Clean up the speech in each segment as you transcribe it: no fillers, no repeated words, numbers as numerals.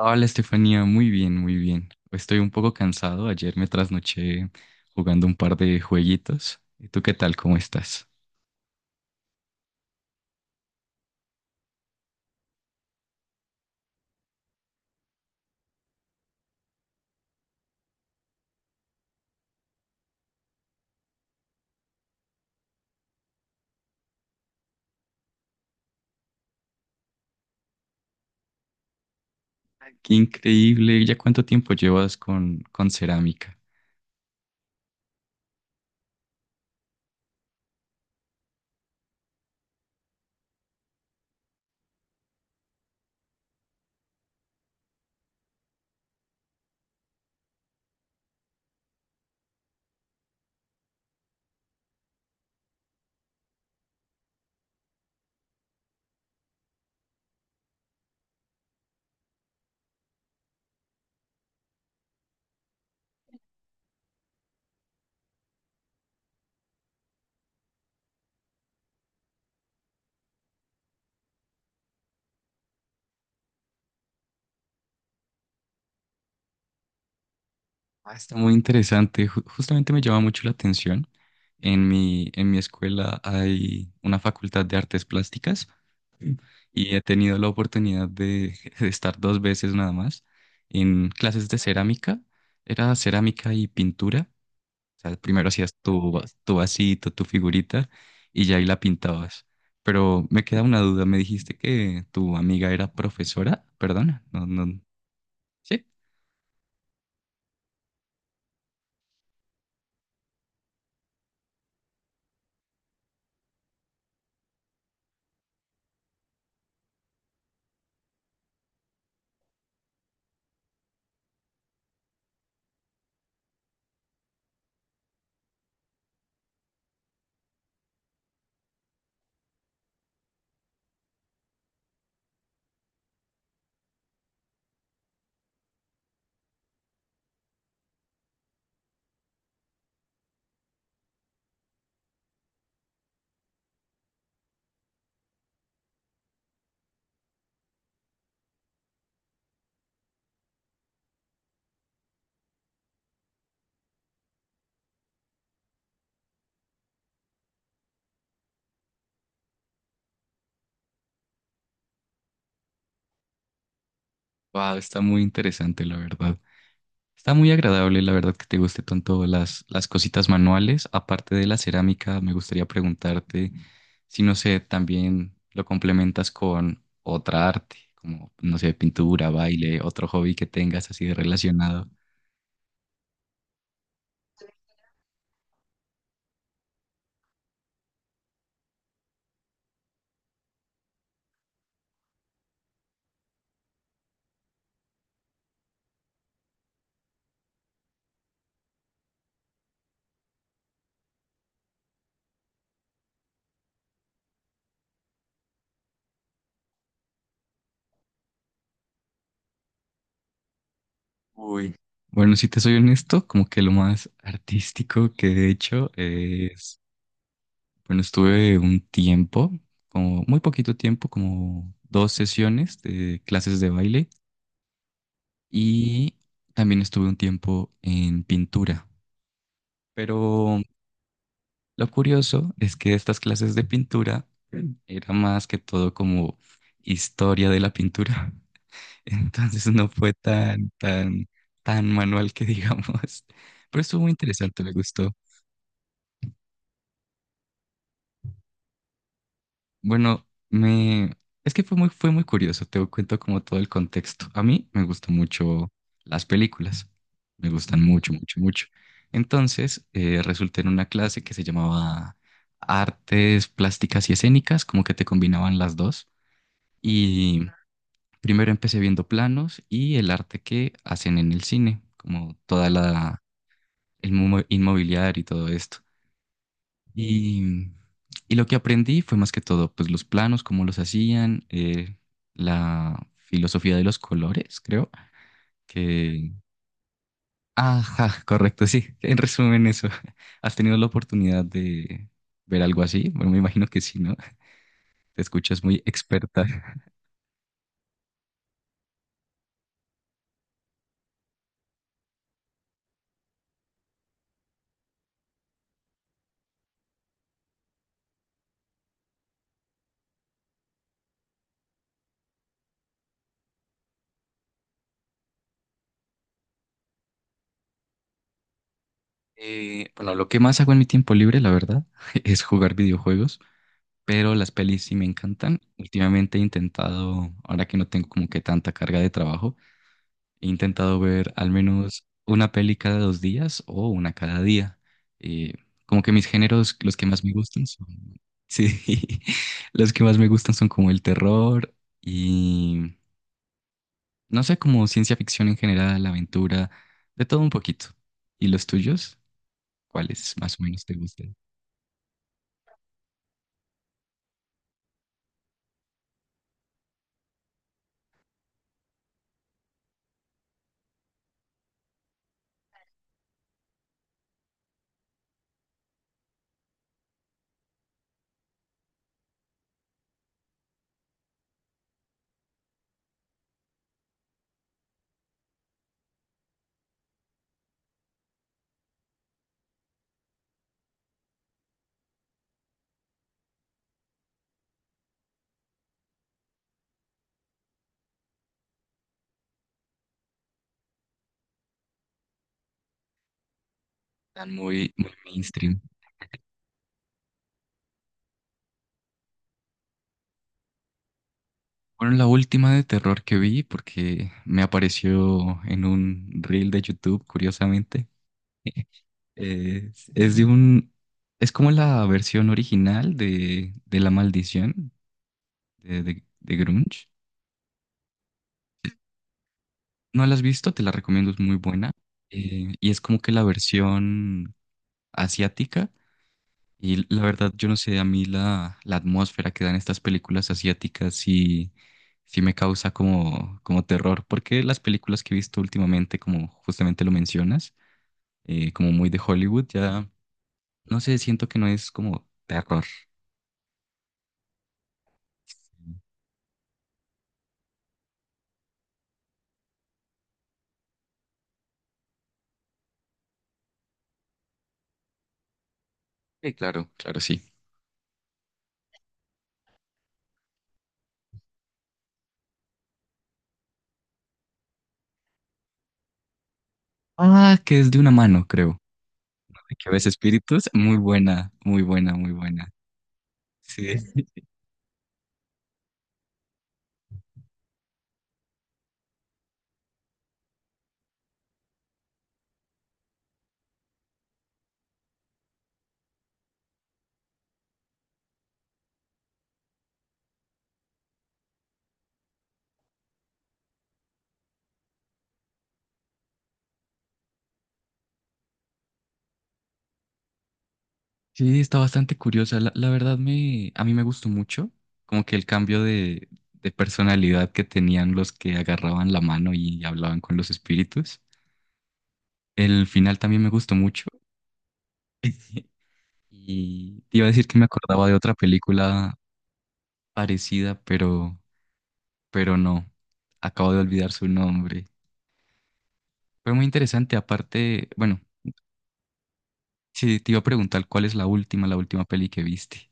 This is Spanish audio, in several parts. Hola Estefanía, muy bien, muy bien. Estoy un poco cansado. Ayer me trasnoché jugando un par de jueguitos. ¿Y tú qué tal? ¿Cómo estás? Qué increíble. ¿Ya cuánto tiempo llevas con cerámica? Ah, está muy interesante. Justamente me llama mucho la atención. En mi escuela hay una facultad de artes plásticas y he tenido la oportunidad de, de estar 2 veces nada más en clases de cerámica. Era cerámica y pintura. Sea, primero hacías tu vasito, tu figurita y ya ahí la pintabas. Pero me queda una duda, me dijiste que tu amiga era profesora, perdona, no, no, sí, wow, está muy interesante, la verdad. Está muy agradable, la verdad, que te guste tanto las cositas manuales. Aparte de la cerámica, me gustaría preguntarte si, no sé, también lo complementas con otra arte, como, no sé, pintura, baile, otro hobby que tengas así relacionado. Uy. Bueno, si te soy honesto, como que lo más artístico que he hecho es, bueno, estuve un tiempo, como muy poquito tiempo, como 2 sesiones de clases de baile y también estuve un tiempo en pintura. Pero lo curioso es que estas clases de pintura era más que todo como historia de la pintura. Entonces no fue tan manual que digamos, pero estuvo muy interesante, me gustó. Bueno, me... Es que fue muy curioso, te cuento como todo el contexto. A mí me gustan mucho las películas, me gustan mucho, mucho, mucho. Entonces, resulté en una clase que se llamaba Artes Plásticas y Escénicas, como que te combinaban las dos. Y primero empecé viendo planos y el arte que hacen en el cine, como toda la... inmobiliario y todo esto. Y, y lo que aprendí fue más que todo, pues los planos, cómo los hacían, la filosofía de los colores, creo, que... Ajá, correcto, sí. En resumen, eso. ¿Has tenido la oportunidad de ver algo así? Bueno, me imagino que sí, ¿no? Te escuchas muy experta. Bueno, lo que más hago en mi tiempo libre, la verdad, es jugar videojuegos, pero las pelis sí me encantan. Últimamente he intentado, ahora que no tengo como que tanta carga de trabajo, he intentado ver al menos una peli cada 2 días o una cada día. Eh, como que mis géneros, los que más me gustan son, sí, los que más me gustan son como el terror y, no sé, como ciencia ficción en general, aventura, de todo un poquito. ¿Y los tuyos? ¿Cuáles más o menos te gustan? Están muy, muy mainstream. Bueno, la última de terror que vi, porque me apareció en un reel de YouTube, curiosamente, Eh, es de un, es como la versión original de La Maldición de Grunge. No la has visto, te la recomiendo, es muy buena. Y es como que la versión asiática. Y la verdad, yo no sé, a mí la, la atmósfera que dan estas películas asiáticas sí, sí me causa como, como terror, porque las películas que he visto últimamente, como justamente lo mencionas, como muy de Hollywood, ya no sé, siento que no es como terror. Sí, claro, claro, sí. Ah, que es de una mano, creo. Que ves espíritus. Muy buena, muy buena, muy buena. Sí. Sí, está bastante curiosa. La verdad a mí me gustó mucho. Como que el cambio de personalidad que tenían los que agarraban la mano y hablaban con los espíritus. El final también me gustó mucho. Y te iba a decir que me acordaba de otra película parecida, pero no. Acabo de olvidar su nombre. Fue muy interesante. Aparte, bueno. Sí, te iba a preguntar cuál es la última peli que viste.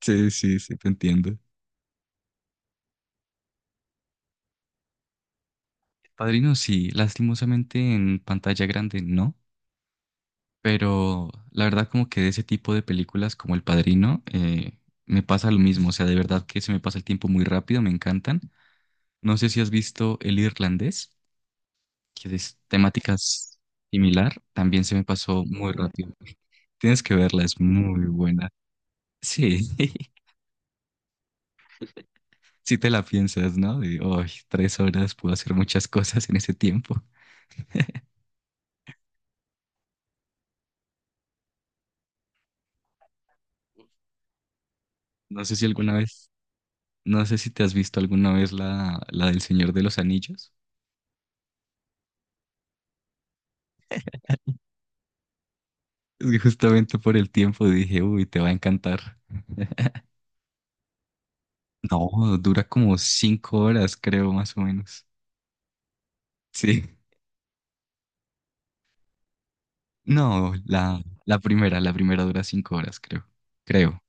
Sí, sí, sí, te entiendo. Padrino, sí, lastimosamente en pantalla grande no, pero la verdad como que de ese tipo de películas como El Padrino me pasa lo mismo, o sea, de verdad que se me pasa el tiempo muy rápido, me encantan. No sé si has visto El Irlandés, que es temática similar, también se me pasó muy rápido. Tienes que verla, es muy buena. Sí. Si te la piensas, ¿no? De, "Ay, 3 horas, puedo hacer muchas cosas en ese tiempo." No sé si alguna vez, no sé si te has visto alguna vez la del Señor de los Anillos. Es que justamente por el tiempo dije, uy, te va a encantar. No, dura como 5 horas, creo, más o menos. Sí. No, la primera dura 5 horas, creo. Creo.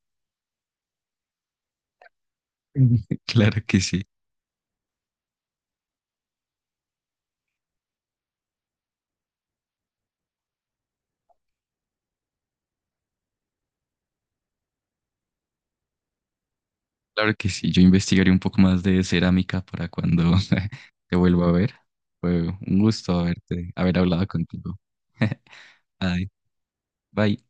Claro que sí. Claro que sí, yo investigaré un poco más de cerámica para cuando te vuelva a ver. Fue un gusto haberte, haber hablado contigo. Ay, bye.